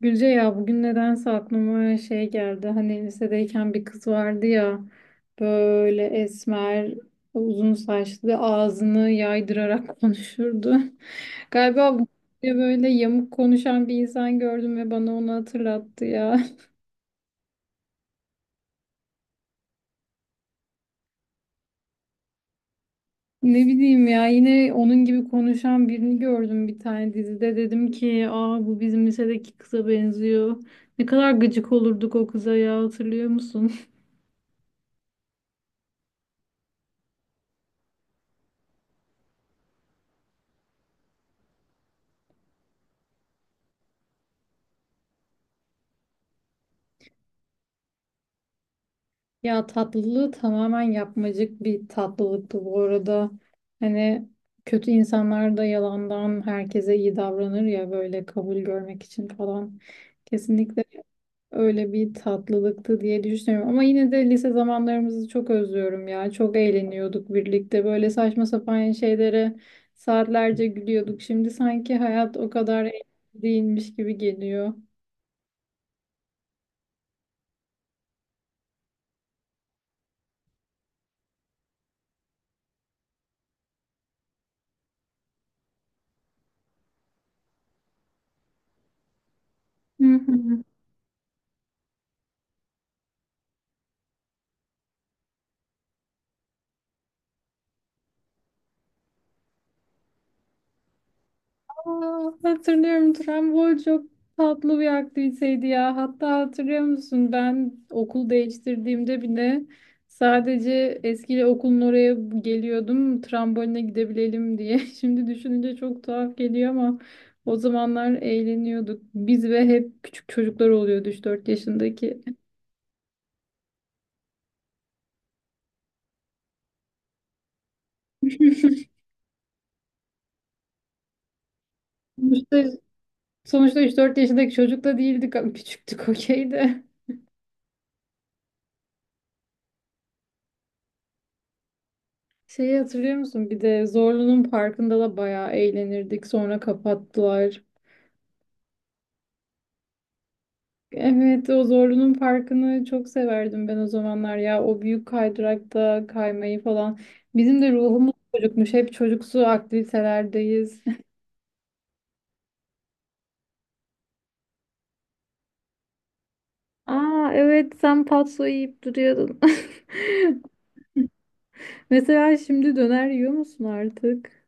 Gülce ya bugün nedense aklıma şey geldi. Hani lisedeyken bir kız vardı ya böyle esmer, uzun saçlı, ağzını yaydırarak konuşurdu. Galiba bu diye böyle yamuk konuşan bir insan gördüm ve bana onu hatırlattı ya. Ne bileyim ya yine onun gibi konuşan birini gördüm bir tane dizide. Dedim ki aa bu bizim lisedeki kıza benziyor. Ne kadar gıcık olurduk o kıza ya hatırlıyor musun? Ya tatlılığı tamamen yapmacık bir tatlılıktı bu arada. Hani kötü insanlar da yalandan herkese iyi davranır ya böyle kabul görmek için falan. Kesinlikle öyle bir tatlılıktı diye düşünüyorum. Ama yine de lise zamanlarımızı çok özlüyorum ya. Çok eğleniyorduk birlikte. Böyle saçma sapan şeylere saatlerce gülüyorduk. Şimdi sanki hayat o kadar eğlenceli değilmiş gibi geliyor. Aa, hatırlıyorum Trambol çok tatlı bir aktiviteydi ya. Hatta hatırlıyor musun ben okul değiştirdiğimde bile sadece eski okulun oraya geliyordum tramboline gidebilelim diye. Şimdi düşününce çok tuhaf geliyor ama o zamanlar eğleniyorduk. Biz ve hep küçük çocuklar oluyordu 3-4 yaşındaki. Sonuçta, sonuçta, 3-4 yaşındaki çocuk da değildik ama küçüktük okey de. Şeyi hatırlıyor musun? Bir de Zorlu'nun parkında da bayağı eğlenirdik. Sonra kapattılar. Evet, o Zorlu'nun parkını çok severdim ben o zamanlar ya. O büyük kaydırakta kaymayı falan. Bizim de ruhumuz çocukmuş. Hep çocuksu aktivitelerdeyiz. Aa evet, sen patso yiyip duruyordun. Mesela şimdi döner yiyor musun artık?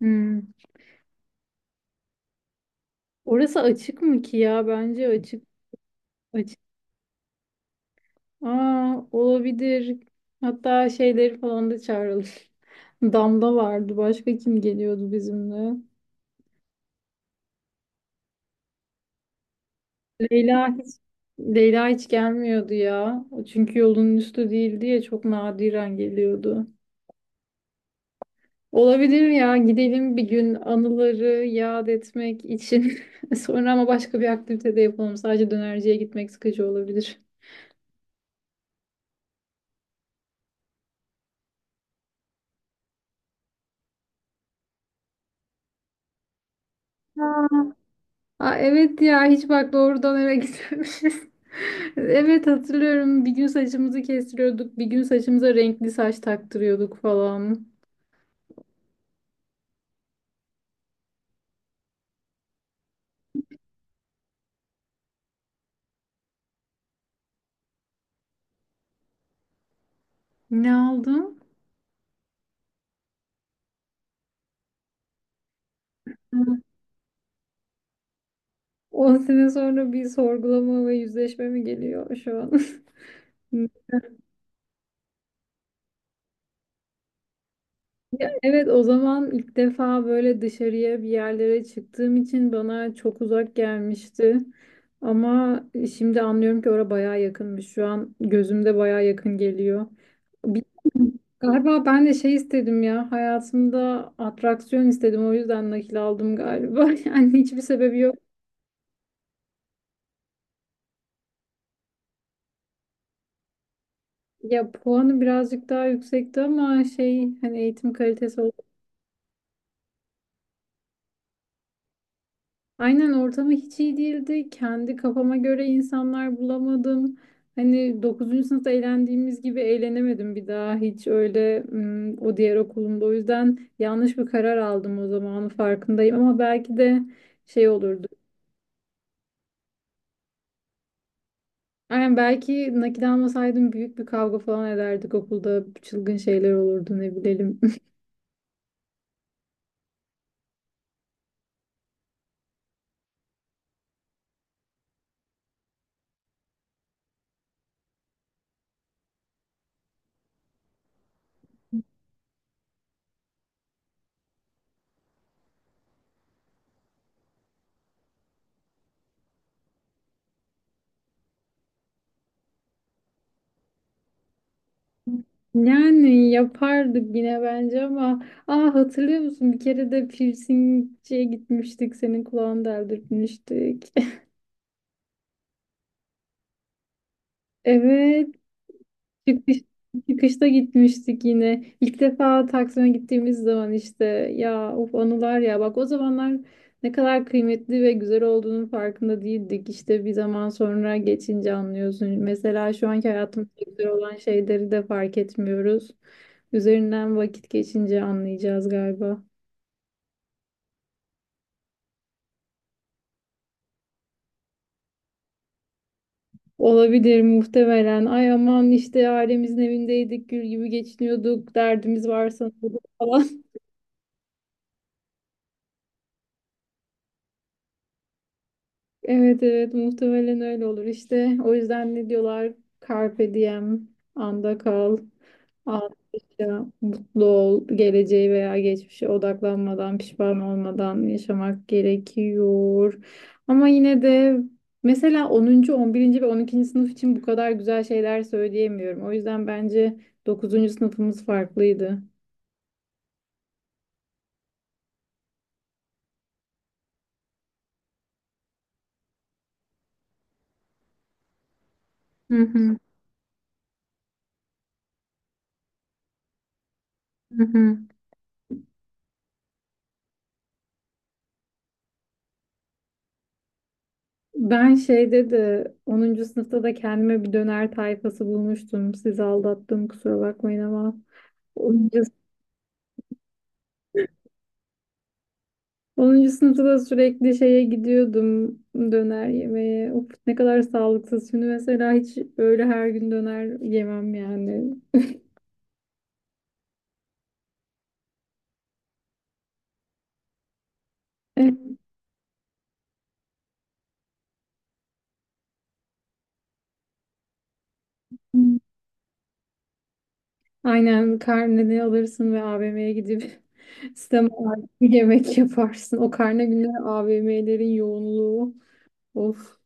Hmm. Orası açık mı ki ya? Bence açık. Açık. Aa, olabilir. Hatta şeyleri falan da çağıralım. Damla vardı. Başka kim geliyordu bizimle? Leyla hiç Leyla hiç gelmiyordu ya. Çünkü yolun üstü değildi ya çok nadiren geliyordu. Olabilir ya, gidelim bir gün anıları yad etmek için. Sonra ama başka bir aktivite de yapalım. Sadece dönerciye gitmek sıkıcı olabilir. Ha. Aa, evet ya hiç bak doğrudan eve gitmemişiz. Evet hatırlıyorum, bir gün saçımızı kestiriyorduk, bir gün saçımıza renkli saç taktırıyorduk falan. Ne aldım? 10 sene sonra bir sorgulama ve yüzleşme mi geliyor şu an? Ya evet, o zaman ilk defa böyle dışarıya bir yerlere çıktığım için bana çok uzak gelmişti. Ama şimdi anlıyorum ki oraya bayağı yakınmış. Şu an gözümde bayağı yakın geliyor. Bir- Galiba ben de şey istedim ya, hayatımda atraksiyon istedim, o yüzden nakil aldım galiba. Yani hiçbir sebebi yok. Ya puanı birazcık daha yüksekti ama şey, hani eğitim kalitesi. Aynen, ortamı hiç iyi değildi. Kendi kafama göre insanlar bulamadım. Hani 9. sınıfta eğlendiğimiz gibi eğlenemedim bir daha hiç öyle, o diğer okulumda. O yüzden yanlış bir karar aldım o, zamanın farkındayım ama belki de şey olurdu. Aynen, belki nakit almasaydım büyük bir kavga falan ederdik okulda. Çılgın şeyler olurdu, ne bilelim. Yani yapardık yine bence ama. Aa, hatırlıyor musun? Bir kere de piercingciye gitmiştik. Senin kulağını deldirtmiştik. Evet, çıkış, çıkışta gitmiştik yine. İlk defa Taksim'e gittiğimiz zaman işte, ya of anılar ya, bak o zamanlar ne kadar kıymetli ve güzel olduğunun farkında değildik. İşte bir zaman sonra geçince anlıyorsun. Mesela şu anki hayatımızda güzel olan şeyleri de fark etmiyoruz. Üzerinden vakit geçince anlayacağız galiba. Olabilir muhtemelen. Ay aman işte ailemizin evindeydik, gül gibi geçiniyorduk, derdimiz varsa falan. Evet evet, muhtemelen öyle olur işte. O yüzden ne diyorlar? Carpe diem, anda kal, an yaşa, mutlu ol, geleceğe veya geçmişe odaklanmadan, pişman olmadan yaşamak gerekiyor. Ama yine de mesela 10. 11. ve 12. sınıf için bu kadar güzel şeyler söyleyemiyorum. O yüzden bence dokuzuncu sınıfımız farklıydı. Hı hı. Hı hı. Ben şeyde de 10. sınıfta da kendime bir döner tayfası bulmuştum. Sizi aldattım, kusura bakmayın ama onuncu 10. sınıfta da sürekli şeye gidiyordum, döner yemeye. Of, ne kadar sağlıksız. Şimdi mesela hiç böyle her gün döner yemem yani. Evet. Aynen, karneni alırsın ve AVM'ye gidip sistem olarak bir yemek yaparsın. O karne günleri AVM'lerin yoğunluğu. Of.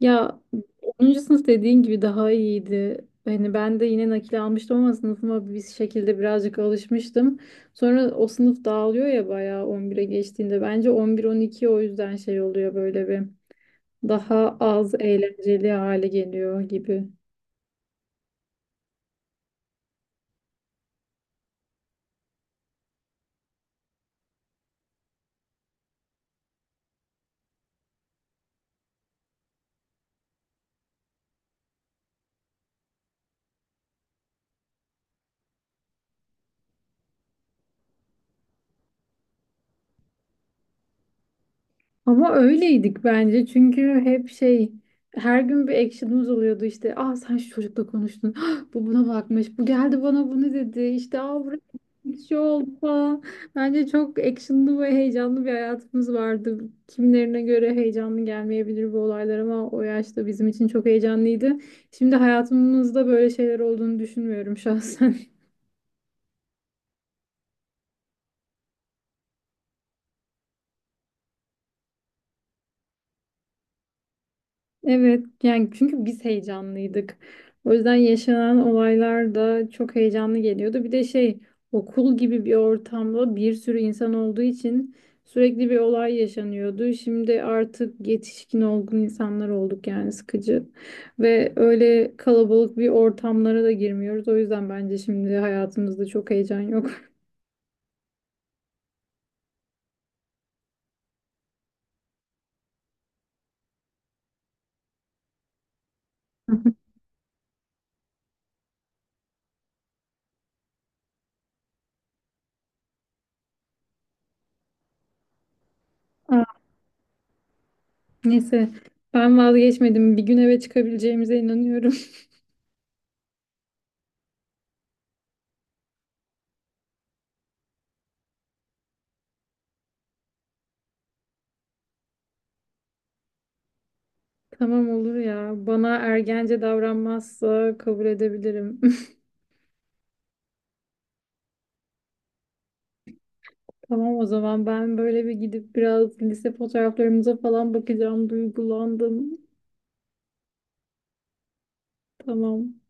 Ya 10. sınıf dediğin gibi daha iyiydi. Hani ben de yine nakil almıştım ama sınıfıma bir şekilde birazcık alışmıştım. Sonra o sınıf dağılıyor ya bayağı 11'e geçtiğinde. Bence 11 12 o yüzden şey oluyor, böyle bir daha az eğlenceli hale geliyor gibi. Ama öyleydik bence çünkü hep şey, her gün bir action'ımız oluyordu işte: ah sen şu çocukla konuştun, ah, bu buna bakmış, bu geldi bana bunu dedi işte, ah buraya bir şey oldu falan. Bence çok action'lı ve heyecanlı bir hayatımız vardı. Kimlerine göre heyecanlı gelmeyebilir bu olaylar ama o yaşta bizim için çok heyecanlıydı. Şimdi hayatımızda böyle şeyler olduğunu düşünmüyorum şahsen. Evet yani, çünkü biz heyecanlıydık. O yüzden yaşanan olaylar da çok heyecanlı geliyordu. Bir de şey, okul gibi bir ortamda bir sürü insan olduğu için sürekli bir olay yaşanıyordu. Şimdi artık yetişkin olgun insanlar olduk yani, sıkıcı. Ve öyle kalabalık bir ortamlara da girmiyoruz. O yüzden bence şimdi hayatımızda çok heyecan yok. Aa, neyse, ben vazgeçmedim. Bir gün eve çıkabileceğimize inanıyorum. Tamam olur ya. Bana ergence davranmazsa kabul edebilirim. Tamam, o zaman ben böyle bir gidip biraz lise fotoğraflarımıza falan bakacağım. Duygulandım. Tamam.